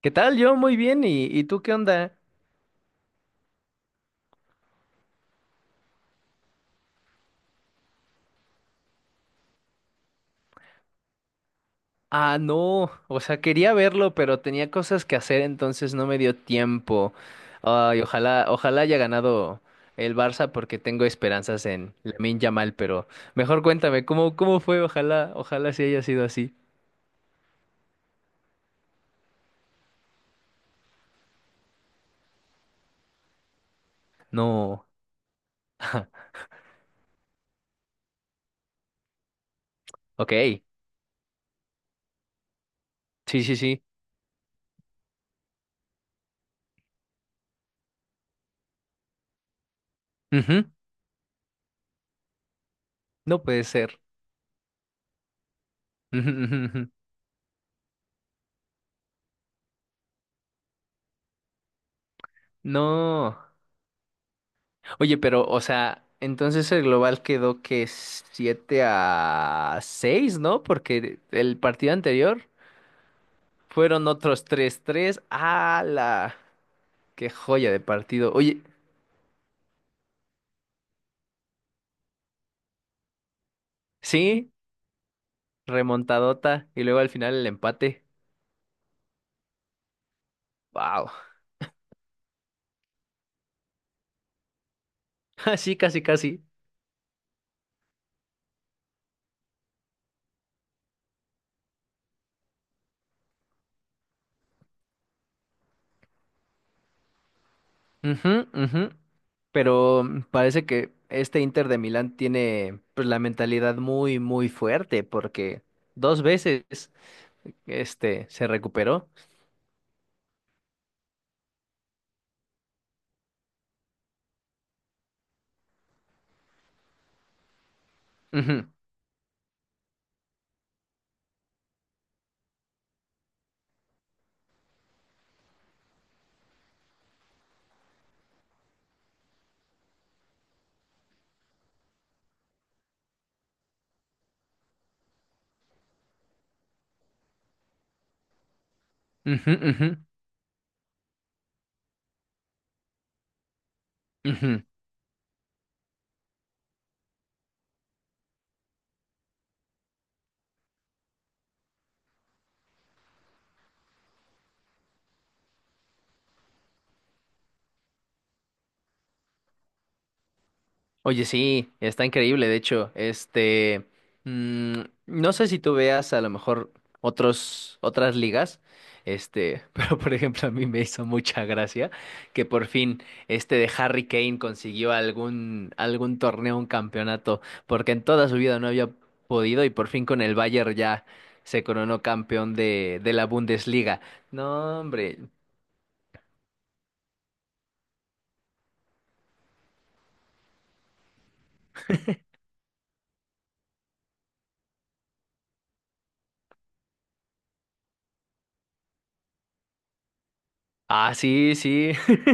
¿Qué tal? Yo muy bien. ¿Y tú qué onda? Ah, no. O sea, quería verlo, pero tenía cosas que hacer, entonces no me dio tiempo. Ay, ojalá, ojalá haya ganado el Barça porque tengo esperanzas en Lamine Yamal, pero mejor cuéntame, ¿cómo fue? Ojalá, ojalá sí haya sido así. No. Ok. Sí, sí, sí. Ujú. No puede ser. Ujú, ujú, ujú. No. Oye, pero, o sea, entonces el global quedó que 7-6, ¿no? Porque el partido anterior fueron otros tres. 3 ¡Hala! ¡Qué joya de partido! Oye, sí, remontadota. Y luego al final el empate. ¡Wow! Así, casi, casi. Ujú, ujú. Pero parece que este Inter de Milán tiene, pues, la mentalidad muy, muy fuerte porque dos veces este se recuperó. Ujú. Ujú, ujú, ujú. Oye, sí, está increíble. De hecho, este, mm, no sé si tú veas a lo mejor otras ligas, este, pero por ejemplo a mí me hizo mucha gracia que por fin este de Harry Kane consiguió algún torneo, un campeonato, porque en toda su vida no había podido y por fin con el Bayern ya se coronó campeón de la Bundesliga. No, hombre. Ah, sí, sí.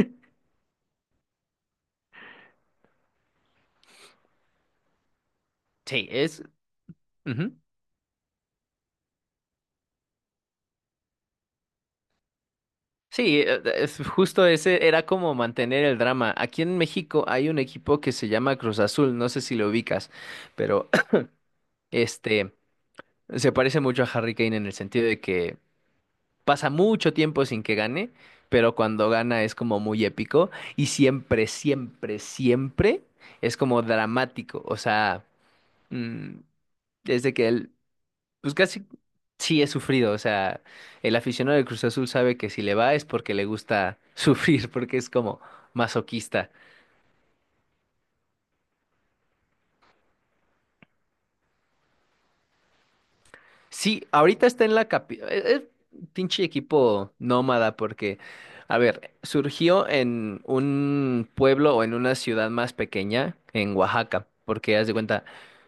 Sí, es. Ujú. Sí, es justo ese era como mantener el drama. Aquí en México hay un equipo que se llama Cruz Azul, no sé si lo ubicas, pero este se parece mucho a Harry Kane en el sentido de que pasa mucho tiempo sin que gane, pero cuando gana es como muy épico y siempre, siempre, siempre es como dramático. O sea, mm, es de que él pues casi sí he sufrido, o sea, el aficionado del Cruz Azul sabe que si le va es porque le gusta sufrir, porque es como masoquista. Sí, ahorita está en la capi, es pinche equipo nómada porque, a ver, surgió en un pueblo o en una ciudad más pequeña, en Oaxaca, porque haz de cuenta,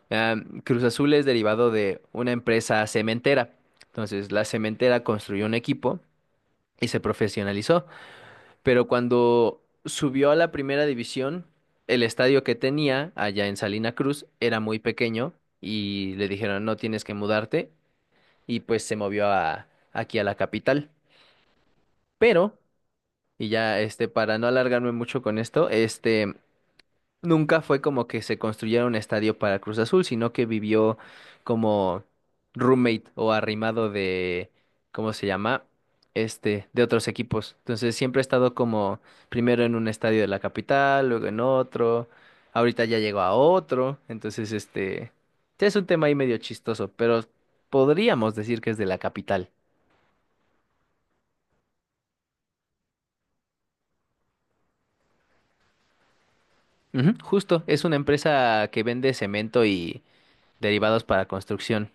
ah, Cruz Azul es derivado de una empresa cementera. Entonces, la cementera construyó un equipo y se profesionalizó. Pero cuando subió a la primera división, el estadio que tenía allá en Salina Cruz era muy pequeño y le dijeron, no tienes que mudarte, y pues se movió aquí a la capital. Pero, y ya este, para no alargarme mucho con esto, este, nunca fue como que se construyera un estadio para Cruz Azul, sino que vivió como roommate o arrimado de, ¿cómo se llama? Este, de otros equipos. Entonces siempre ha estado como primero en un estadio de la capital, luego en otro, ahorita ya llegó a otro, entonces este, sí es un tema ahí medio chistoso, pero podríamos decir que es de la capital. Ujú, justo, es una empresa que vende cemento y derivados para construcción.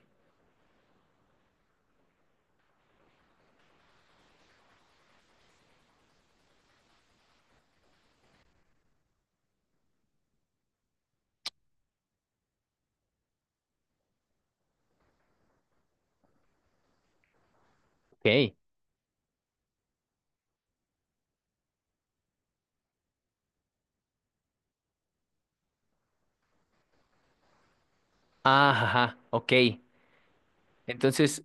Ok. Ah, ajá, ok. Entonces,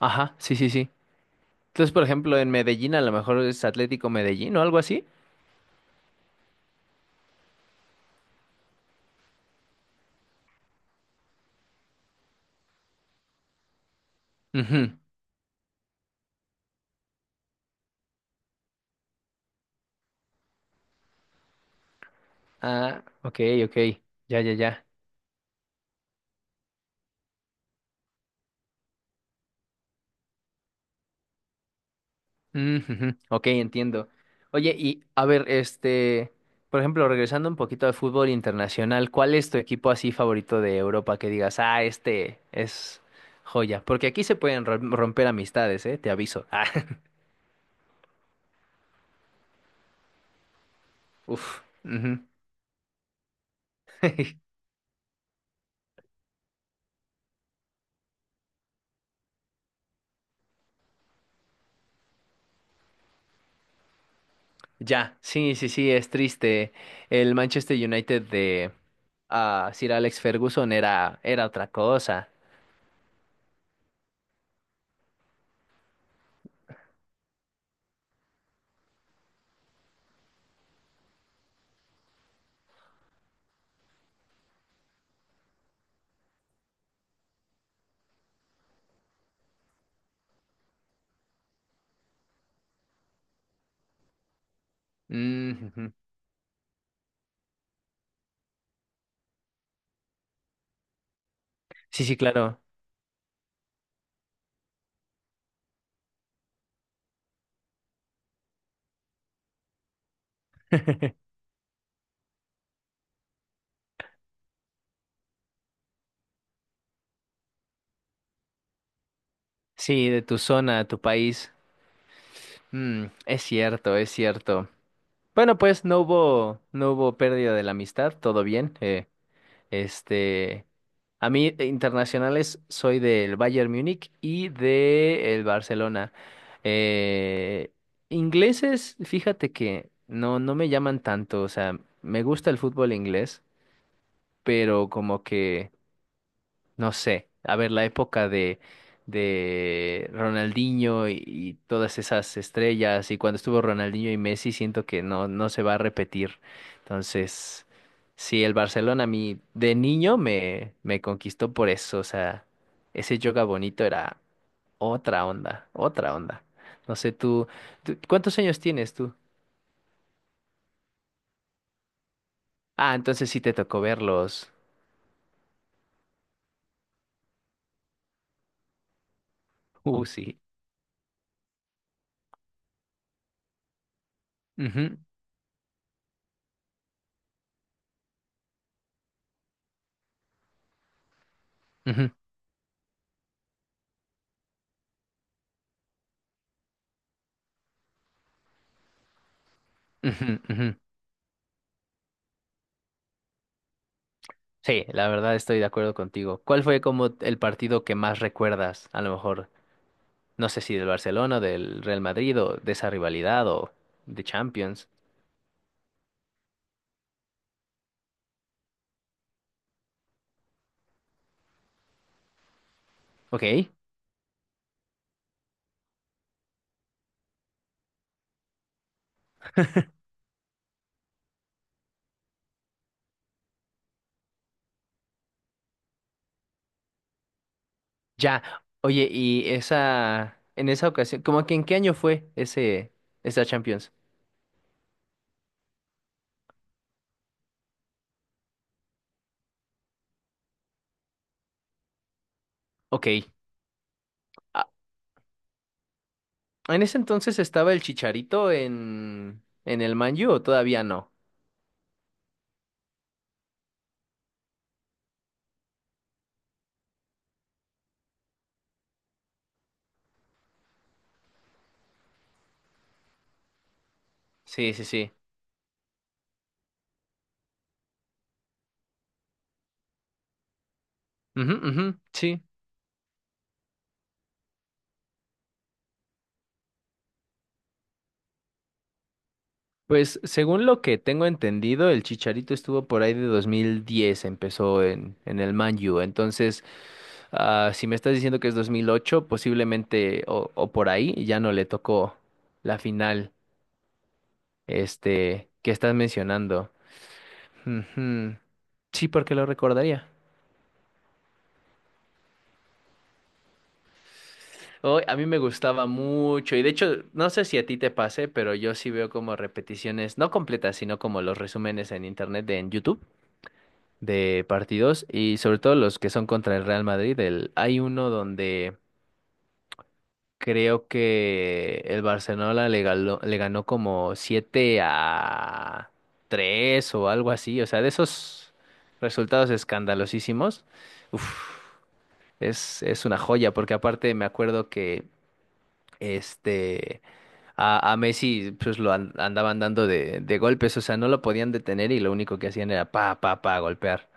ajá, sí, sí, sí. Entonces, por ejemplo, en Medellín a lo mejor es Atlético Medellín o algo así. Ujú. Ah, ok, ok. Ya, ya, ya. Mm, ujú. Ok, entiendo. Oye, y a ver, este, por ejemplo, regresando un poquito al fútbol internacional, ¿cuál es tu equipo así favorito de Europa que digas, ah, este es joya? Porque aquí se pueden romper amistades, ¿eh? Te aviso. Ah, uf. Ujú. Ya, sí, sí, sí, es triste. El Manchester United de Sir Alex Ferguson era otra cosa. Mm, ujú. Sí, sí, claro. Sí, de tu zona, tu país. Es cierto, es cierto. Bueno, pues no hubo pérdida de la amistad, todo bien. Este, a mí de internacionales soy del Bayern Múnich y del Barcelona. Eh, ingleses, fíjate que no me llaman tanto, o sea, me gusta el fútbol inglés, pero como que no sé, a ver, la época de Ronaldinho y todas esas estrellas, y cuando estuvo Ronaldinho y Messi, siento que no se va a repetir. Entonces, sí, el Barcelona a mí de niño me conquistó por eso, o sea, ese yoga bonito era otra onda, otra onda. No sé, ¿cuántos años tienes tú? Ah, entonces sí te tocó verlos. Sí. Ujú, ujú, ujú, ujú. Sí, la verdad estoy de acuerdo contigo. ¿Cuál fue como el partido que más recuerdas? A lo mejor, no sé si del Barcelona, del Real Madrid o de esa rivalidad o de Champions. Ok, ya. Oye, y en esa ocasión, ¿cómo que en qué año fue ese, esa Champions? Ok. ah, ¿En ese entonces estaba el Chicharito en el Man U o todavía no? Sí, sí, sí. Ujú, ujú, sí. Pues según lo que tengo entendido, el Chicharito estuvo por ahí de 2010. Empezó en el Man U. Entonces, si me estás diciendo que es 2008, posiblemente o por ahí ya no le tocó la final este, que estás mencionando. Ujú. Sí, porque lo recordaría. Oh, a mí me gustaba mucho y de hecho, no sé si a ti te pase, pero yo sí veo como repeticiones, no completas, sino como los resúmenes en internet de en YouTube. De partidos y sobre todo los que son contra el Real Madrid. Hay uno donde creo que el Barcelona le ganó como 7-3 o algo así. O sea, de esos resultados escandalosísimos, uf, es una joya porque aparte me acuerdo que este. A Messi pues lo andaban dando de golpes, o sea, no lo podían detener y lo único que hacían era pa, pa, pa, golpear.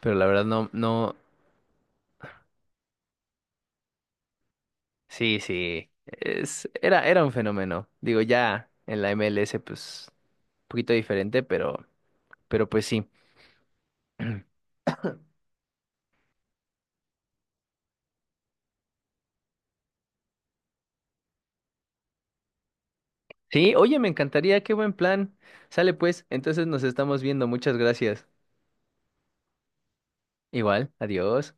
Pero la verdad no, no. Sí, sí. Era un fenómeno. Digo, ya en la MLS, pues, un poquito diferente, pero, pues sí. Sí, oye, me encantaría, qué buen plan. Sale pues, entonces nos estamos viendo. Muchas gracias. Igual, adiós.